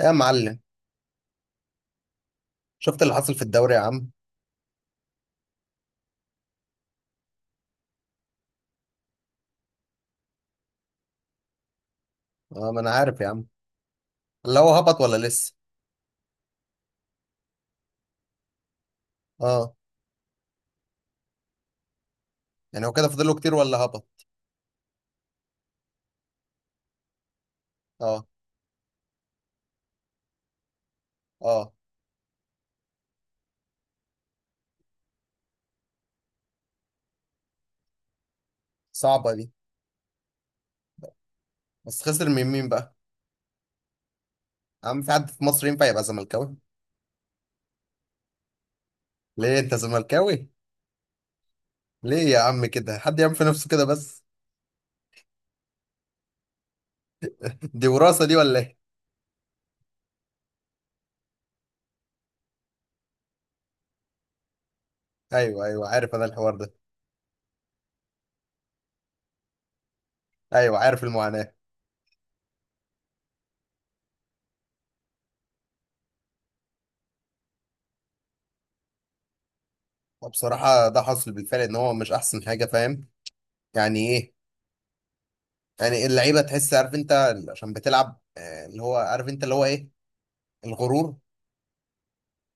يا معلم، شفت اللي حصل في الدوري يا عم؟ اه، ما انا عارف يا عم. اللي هو هبط ولا لسه؟ اه، يعني هو كده فاضله كتير ولا هبط؟ اه، اه، صعبة دي. بس خسر من مين بقى؟ يا عم، في حد في مصر ينفع يبقى زملكاوي؟ ليه انت زملكاوي؟ ليه يا عم كده؟ حد يعمل في نفسه كده بس؟ دي وراثة دي ولا ايه؟ ايوه، ايوه، عارف انا الحوار ده. ايوه، عارف المعاناة. وبصراحة ده حصل بالفعل، ان هو مش احسن حاجة، فاهم؟ يعني ايه. يعني اللعيبة تحس، عارف انت؟ عشان بتلعب، اللي هو عارف انت، اللي هو ايه، الغرور.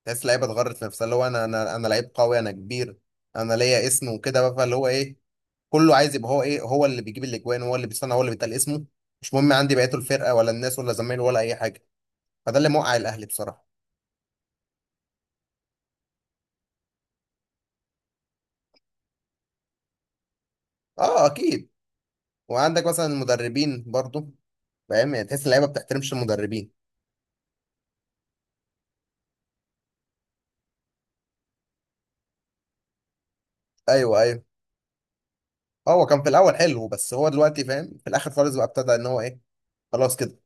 تحس لعيبه اتغرت في نفسها، اللي هو انا لعيب قوي، انا كبير، انا ليا اسم وكده بقى، فاللي هو ايه، كله عايز يبقى هو ايه، هو اللي بيجيب الاجوان، هو اللي بيصنع، هو اللي بيتقال اسمه. مش مهم عندي بقيته الفرقه ولا الناس ولا زمايله ولا اي حاجه. فده اللي موقع الاهلي بصراحه. اه، اكيد. وعندك مثلا المدربين برضو. فاهم يعني، تحس اللعيبه ما بتحترمش المدربين. ايوه، ايوه، هو كان في الاول حلو، بس هو دلوقتي فاهم في الاخر خالص بقى ابتدى ان هو ايه، خلاص كده.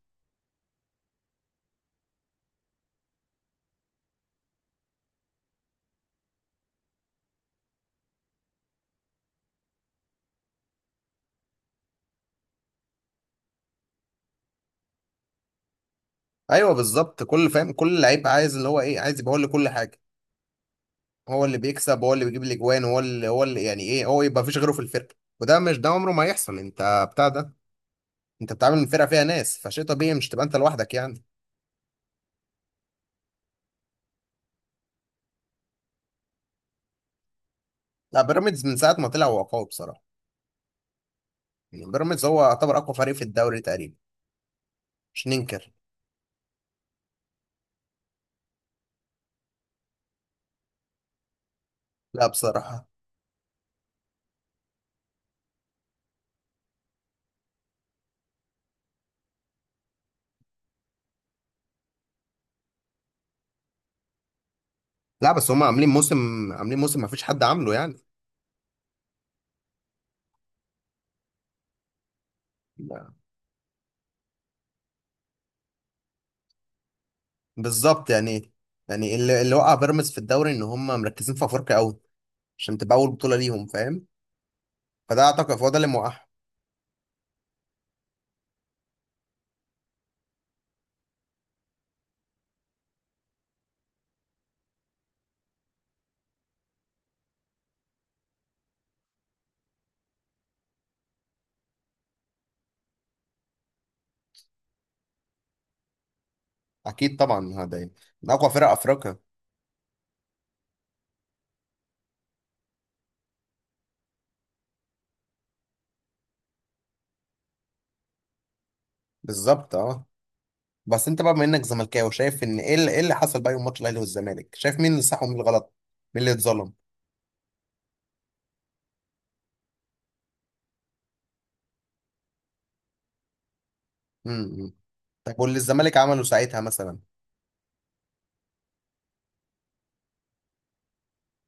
ايوه، بالظبط، كل فاهم، كل لعيب عايز اللي هو ايه، عايز يبقى هو اللي كل حاجه، هو اللي بيكسب، هو اللي بيجيب الاجوان، هو اللي يعني ايه، هو يبقى مفيش غيره في الفرقه. وده مش ده عمره ما هيحصل، انت بتاع ده. انت بتعامل فرقه فيها ناس، فشيء طبيعي مش تبقى انت لوحدك يعني. لا، بيراميدز من ساعه ما طلع هو قوي بصراحه. يعني بيراميدز هو يعتبر اقوى فريق في الدوري تقريبا. مش ننكر. لا، بصراحه. لا، بس هم عاملين موسم. عاملين موسم مفيش حد عامله يعني. لا، بالظبط يعني. يعني اللي وقع بيراميدز في الدوري ان هم مركزين في افريقيا قوي، عشان تبقى اول بطوله ليهم، فاهم. فده اعتقد هو ده اللي موقعهم. اكيد طبعا، هذا يعني، من اقوى فرق افريقيا. بالظبط، اه. بس انت بقى بما انك زملكاوي، شايف ان إيه اللي حصل بقى يوم ماتش الاهلي والزمالك؟ شايف مين اللي صح ومين اللي غلط؟ مين اللي اتظلم؟ امم. طب واللي الزمالك عمله ساعتها مثلا؟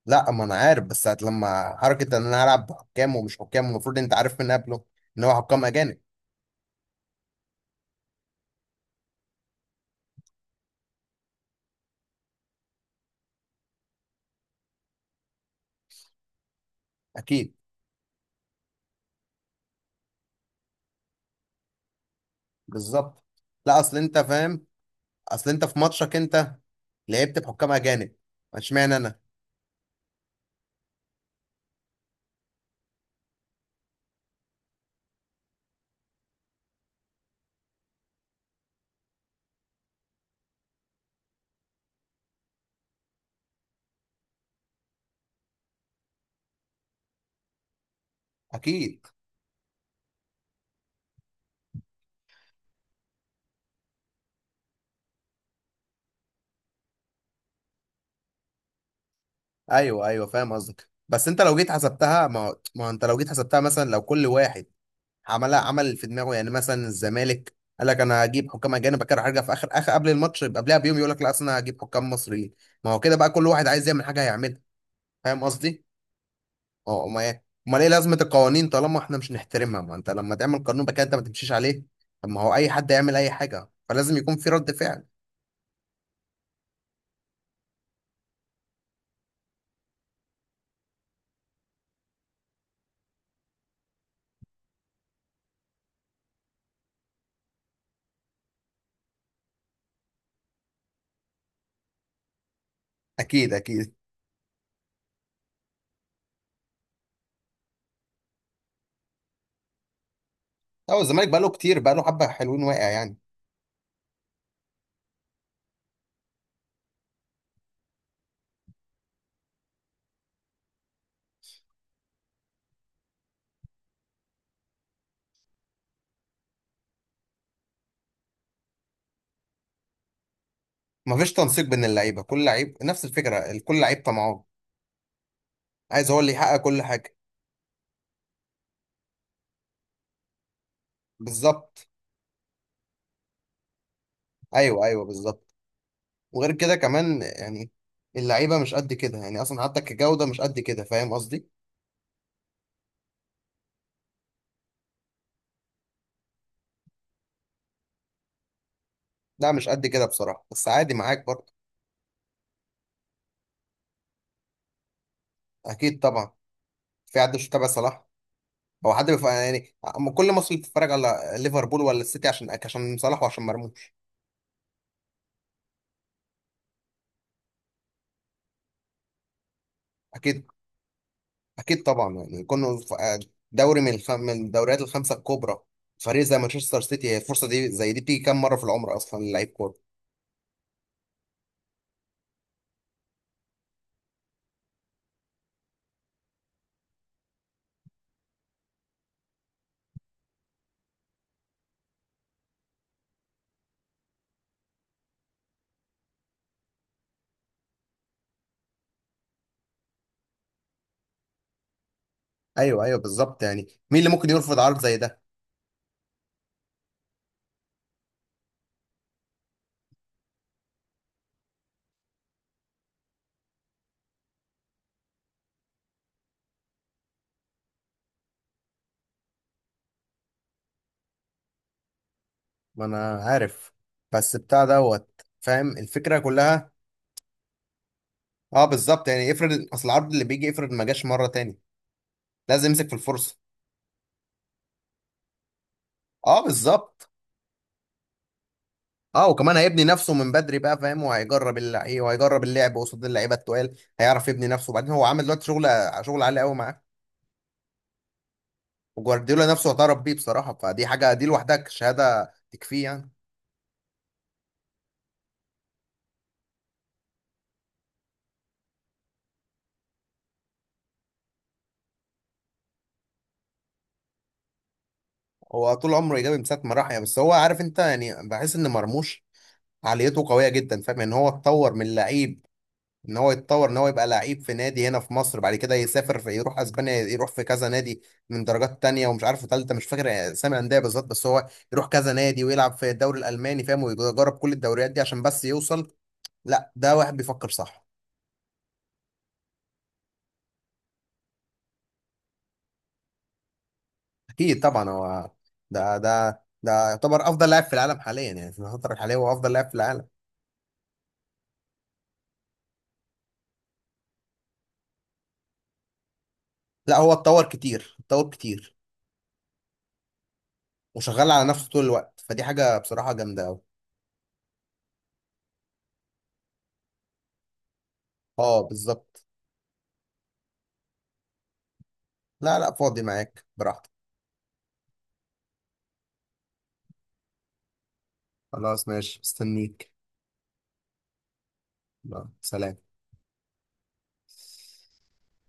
لا، ما انا عارف، بس ساعة لما حركة ان انا هلعب بحكام ومش حكام، المفروض انت عارف من قبله، ان هو حكام اجانب. اكيد. بالظبط. لا، اصل انت فاهم، اصل انت في ماتشك انت لعبت بحكام اجانب، اشمعنى انا. اكيد. ايوه، ايوه، فاهم قصدك. بس انت لو جيت حسبتها، ما هو انت لو جيت حسبتها، مثلا لو كل واحد عملها عمل في دماغه، يعني مثلا الزمالك قال لك انا هجيب حكام اجانب، بعد كده هرجع في اخر اخر قبل الماتش يبقى قبلها بيوم يقول لك لا، اصل انا هجيب حكام مصريين. ما هو كده بقى، كل واحد عايز يعمل حاجه هيعملها. فاهم قصدي؟ اه، امال ايه لازمه القوانين طالما احنا مش نحترمها؟ ما انت لما تعمل قانون بقى كده انت ما تمشيش عليه. طب ما هو اي حد يعمل اي حاجه، فلازم يكون في رد فعل. اكيد، اكيد. هو الزمالك بقى له كتير، بقى له حبه حلوين واقع يعني. ما فيش تنسيق بين اللعيبه، كل لعيب نفس الفكره، كل لعيب طمعان، عايز هو اللي يحقق كل حاجه. بالظبط. ايوه، ايوه، بالظبط. وغير كده كمان يعني، اللعيبه مش قد كده يعني، اصلا حتى كجوده مش قد كده، فاهم قصدي. لا، مش قد كده بصراحه، بس عادي معاك برضه. اكيد طبعا. في حد مش متابع صلاح؟ يعني أما كل مصر بتتفرج على ليفربول ولا السيتي، عشان صلاح وعشان مرموش. اكيد. اكيد طبعا، يعني كنا في دوري من الدوريات الخمسه الكبرى. فريق زي مانشستر سيتي، هي الفرصه دي زي دي بتيجي كام مره في العمر اصلا للعيب كوره. ايوه، ايوه، بالظبط، يعني مين اللي ممكن يرفض عرض زي ده؟ ما انا عارف. بس بتاع دوت، فاهم الفكره كلها. اه بالظبط، يعني افرض اصل العرض اللي بيجي، افرض ما جاش مره تاني، لازم يمسك في الفرصه. اه بالظبط. اه، وكمان هيبني نفسه من بدري بقى، فاهم، وهيجرب اللعيبه، وهيجرب اللعب قصاد اللعيبه التقال، هيعرف يبني نفسه. وبعدين هو عامل دلوقتي شغل، شغل عالي قوي معاه. وجوارديولا نفسه اعترف بيه بصراحه، فدي حاجه دي لوحدها شهاده تكفيه يعني. هو طول عمره ايجابي من ساعه ما راح يعني، بس هو عارف انت، يعني بحس ان مرموش عاليته قويه جدا، فاهم. ان هو اتطور من لعيب، ان هو يتطور، ان هو يبقى لعيب في نادي هنا في مصر، بعد كده يسافر، في يروح اسبانيا، يروح في كذا نادي من درجات تانية ومش عارف ثالثه، مش فاكر اسامي انديه بالظبط، بس هو يروح كذا نادي ويلعب في الدوري الالماني، فاهم، ويجرب كل الدوريات دي عشان بس يوصل. لا، ده واحد بيفكر صح. اكيد طبعا هو ده يعتبر افضل لاعب في العالم حاليا، يعني في الفتره الحاليه هو افضل لاعب في العالم. لا، هو اتطور كتير، اتطور كتير، وشغال على نفسه طول الوقت، فدي حاجه بصراحه جامده قوي. اه بالظبط. لا، لا، فاضي معاك براحتك. خلاص ماشي، مستنيك. يلا، سلام.